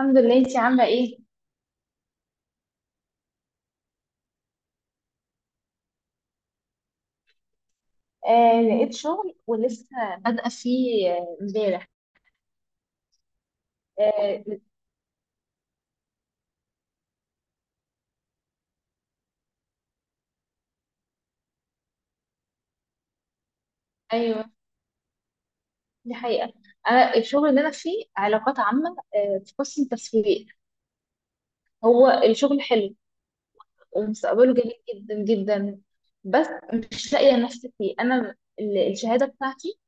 الحمد لله. انتي عاملة ايه؟ لقيت شغل ولسه بادئة فيه، امبارح. آه ايوه، دي حقيقة. انا الشغل اللي انا فيه علاقات عامة، في قسم تسويق. هو الشغل حلو ومستقبله جميل جدا جدا، بس مش لاقية نفسي فيه. انا الشهادة بتاعتي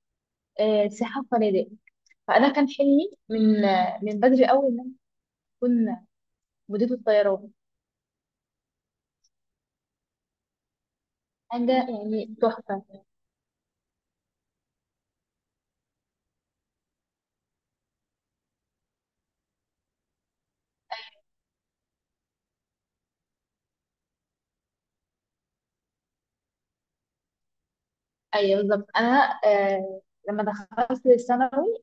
سياحة وفنادق. فانا كان حلمي من بدري قوي ان انا اكون مديرة الطيران، حاجة يعني تحفة. ايوه بالظبط. انا لما دخلت الثانوي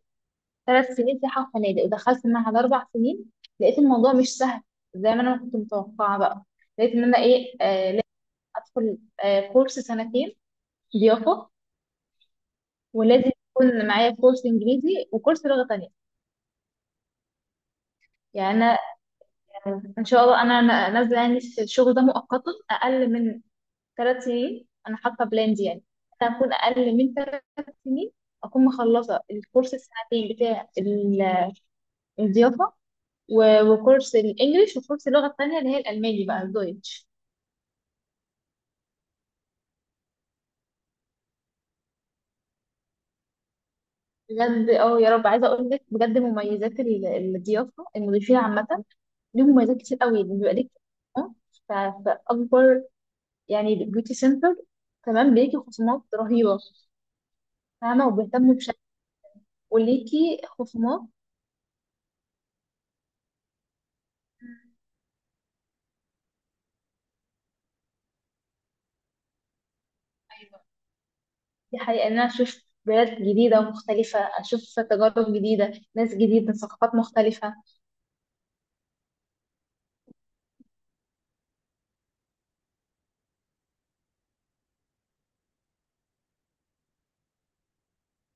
3 سنين سياحة وفنادق، ودخلت المعهد 4 سنين. لقيت الموضوع مش سهل زي ما أنا ما كنت متوقعة بقى. لقيت إن أنا إيه، لازم أدخل كورس سنتين ضيافة، ولازم يكون معايا كورس إنجليزي وكورس لغة تانية. يعني أنا إن شاء الله أنا نازلة يعني الشغل ده مؤقتا. أقل من 3 سنين أنا حاطة بلان دي، يعني أنا أكون أقل من ثلاث سنين أكون مخلصة الكورس السنتين بتاع الضيافة، وكورس الانجليش وكورس اللغه التانيه اللي هي الالماني بقى الدويتش. بجد يا رب. عايزه اقول لك بجد مميزات الضيافه، المضيفين عامه ليه مميزات كتير قوي. بيبقى ليك خصومات، فاكبر يعني بيوتي سنتر كمان بيجي خصومات رهيبه، فاهمه، وبيهتموا بشكل وليكي خصومات. ايوه دي حقيقة. إن أنا أشوف بلاد جديدة ومختلفة، أشوف تجارب جديدة، ناس جديدة، ثقافات مختلفة.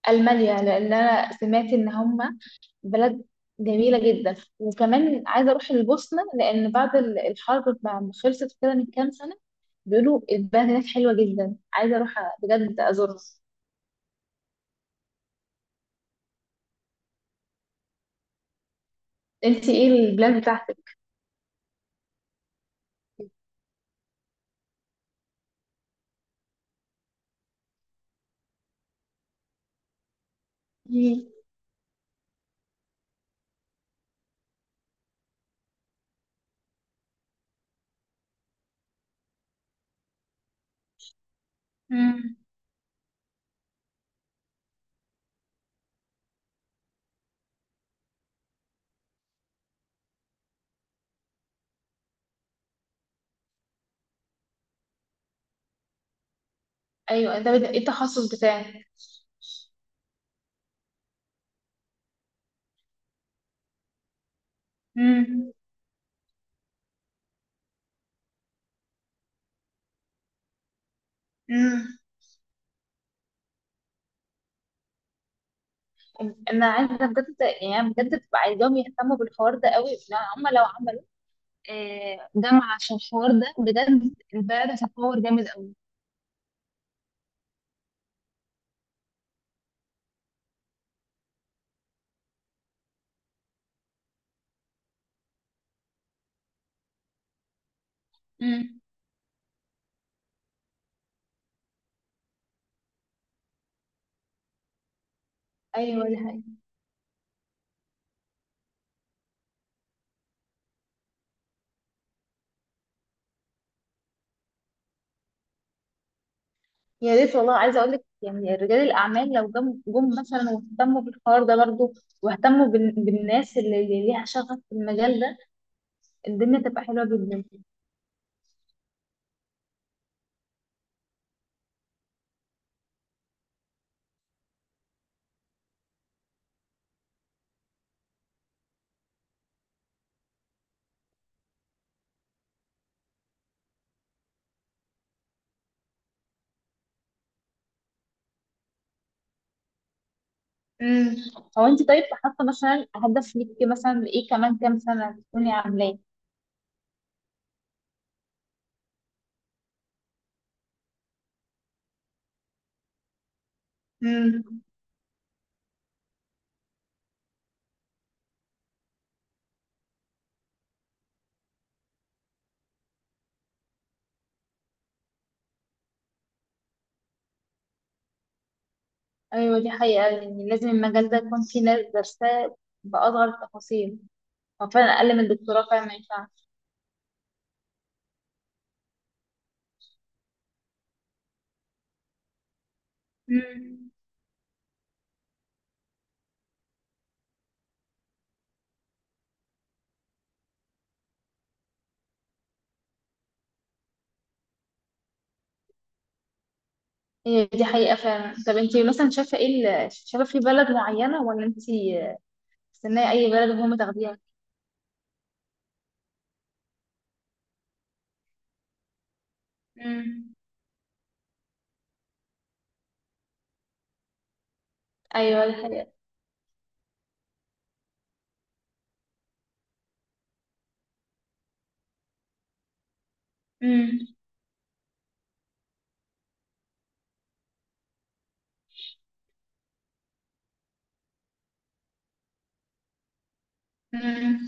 ألمانيا، لأن أنا سمعت إن هم بلد جميلة جدا. وكمان عايزة أروح البوسنة، لأن بعد الحرب ما خلصت كده من كام سنة، بيقولوا البلد هناك حلوة جدا. عايزة أروح بجد أزورها. أنت إيه البلاد بتاعتك؟ مم. مم. أيوة. أنت إيه التخصص بتاعك؟ مم. مم. أنا عايزة بجد، يعني بجد ببقى عايزاهم يهتموا بالحوار ده قوي، لأن هم لو عملوا جامعة عشان الحوار ده، بجد البلد هتتطور جامد قوي. مم. أيوة دي حقيقة. يا ريت والله. عايزه اقول لك يعني رجال الاعمال لو جم مثلا واهتموا بالحوار ده برضو، واهتموا بالناس اللي ليها شغف في المجال ده، الدنيا تبقى حلوه جدا. امم. هو انت طيب حاطه مثلا هدف ليكي، مثلا ايه كمان كام سنه تكوني عاملاه؟ امم. ايوه دي حقيقه، يعني لازم المجال ده يكون فيه ناس دارساه باصغر التفاصيل. هو فعلا اقل من الدكتوراه فعلا ما ينفعش. امم. هي دي حقيقه فعلا. طب انت مثلا شايفه ايه، شايفه في بلد معينه، ولا انت استناي اي بلد وهم تاخديها؟ امم. ايوه دي حقيقة. امم. امم.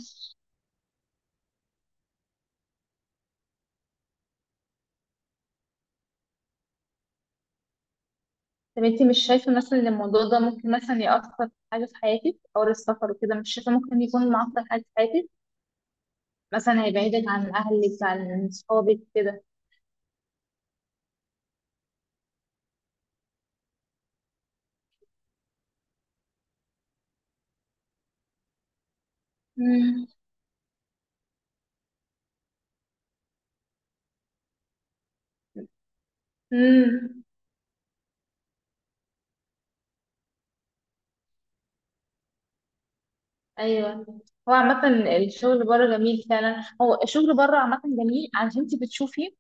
طب انتي مش شايفة مثلا ان الموضوع ده ممكن مثلا يأثر في حاجة في حياتك، او السفر وكده؟ مش شايفة ممكن يكون معطل حاجة في حياتك، مثلا هيبعدك عن اهلك عن صحابك كده؟ امم. امم. ايوه. هو عامة الشغل بره جميل فعلا. هو الشغل بره عامة جميل، عشان انتي بتشوفي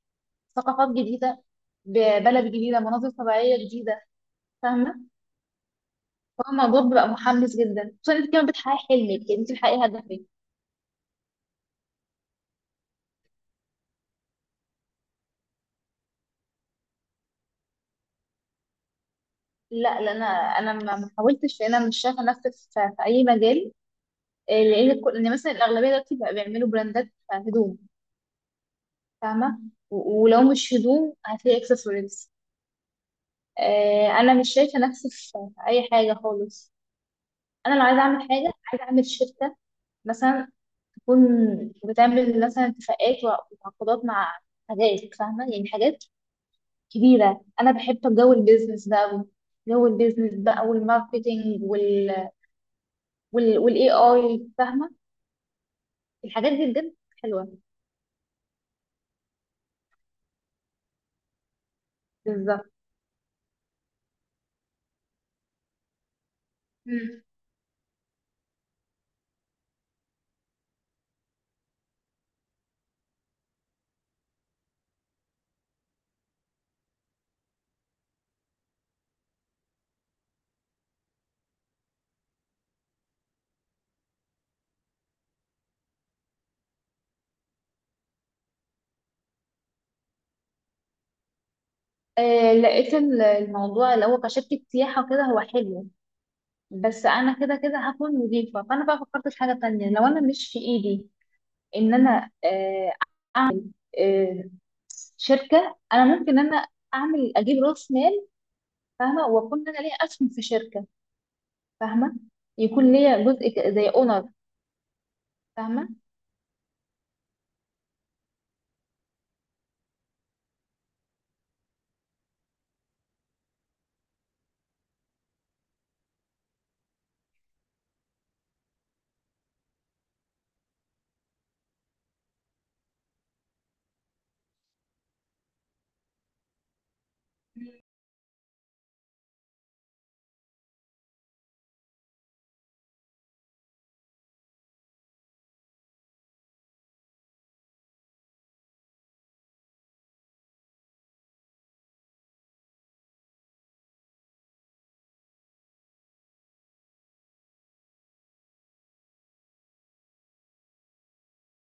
ثقافات جديدة، ببلد جديدة، مناظر طبيعية جديدة، فاهمة. هو الموضوع بيبقى محمس جدا، خصوصا انت كمان بتحققي حلمك، يعني انت بتحققي هدفك. لا لا، انا ما حاولتش. انا مش شايفه نفسي في اي مجال. لان ان مثلا الاغلبيه دلوقتي بقى بيعملوا براندات هدوم، فاهمه. ولو مش هدوم هتلاقي اكسسوارز. انا مش شايفه نفسي في اي حاجه خالص. انا لو عايزه اعمل حاجه، عايزه اعمل شركه مثلا، تكون بتعمل مثلا اتفاقات وعقودات مع حاجات، فاهمه، يعني حاجات كبيرة. أنا بحب جو البيزنس ده أوي. جو البيزنس بقى والماركتينج وال والاي اي، فاهمة، الحاجات دي بجد حلوة. بالظبط. مم. لقيت الموضوع اللي هو كشركة سياحة كده هو حلو، بس أنا كده كده هكون مضيفة. فأنا بقى فكرت في حاجة تانية، لو أنا مش في إيدي إن أنا آه شركة. أنا ممكن إن أنا أعمل أجيب رأس مال، فاهمة، وأكون أنا ليا أسهم في شركة، فاهمة، يكون ليا جزء زي أونر، فاهمة.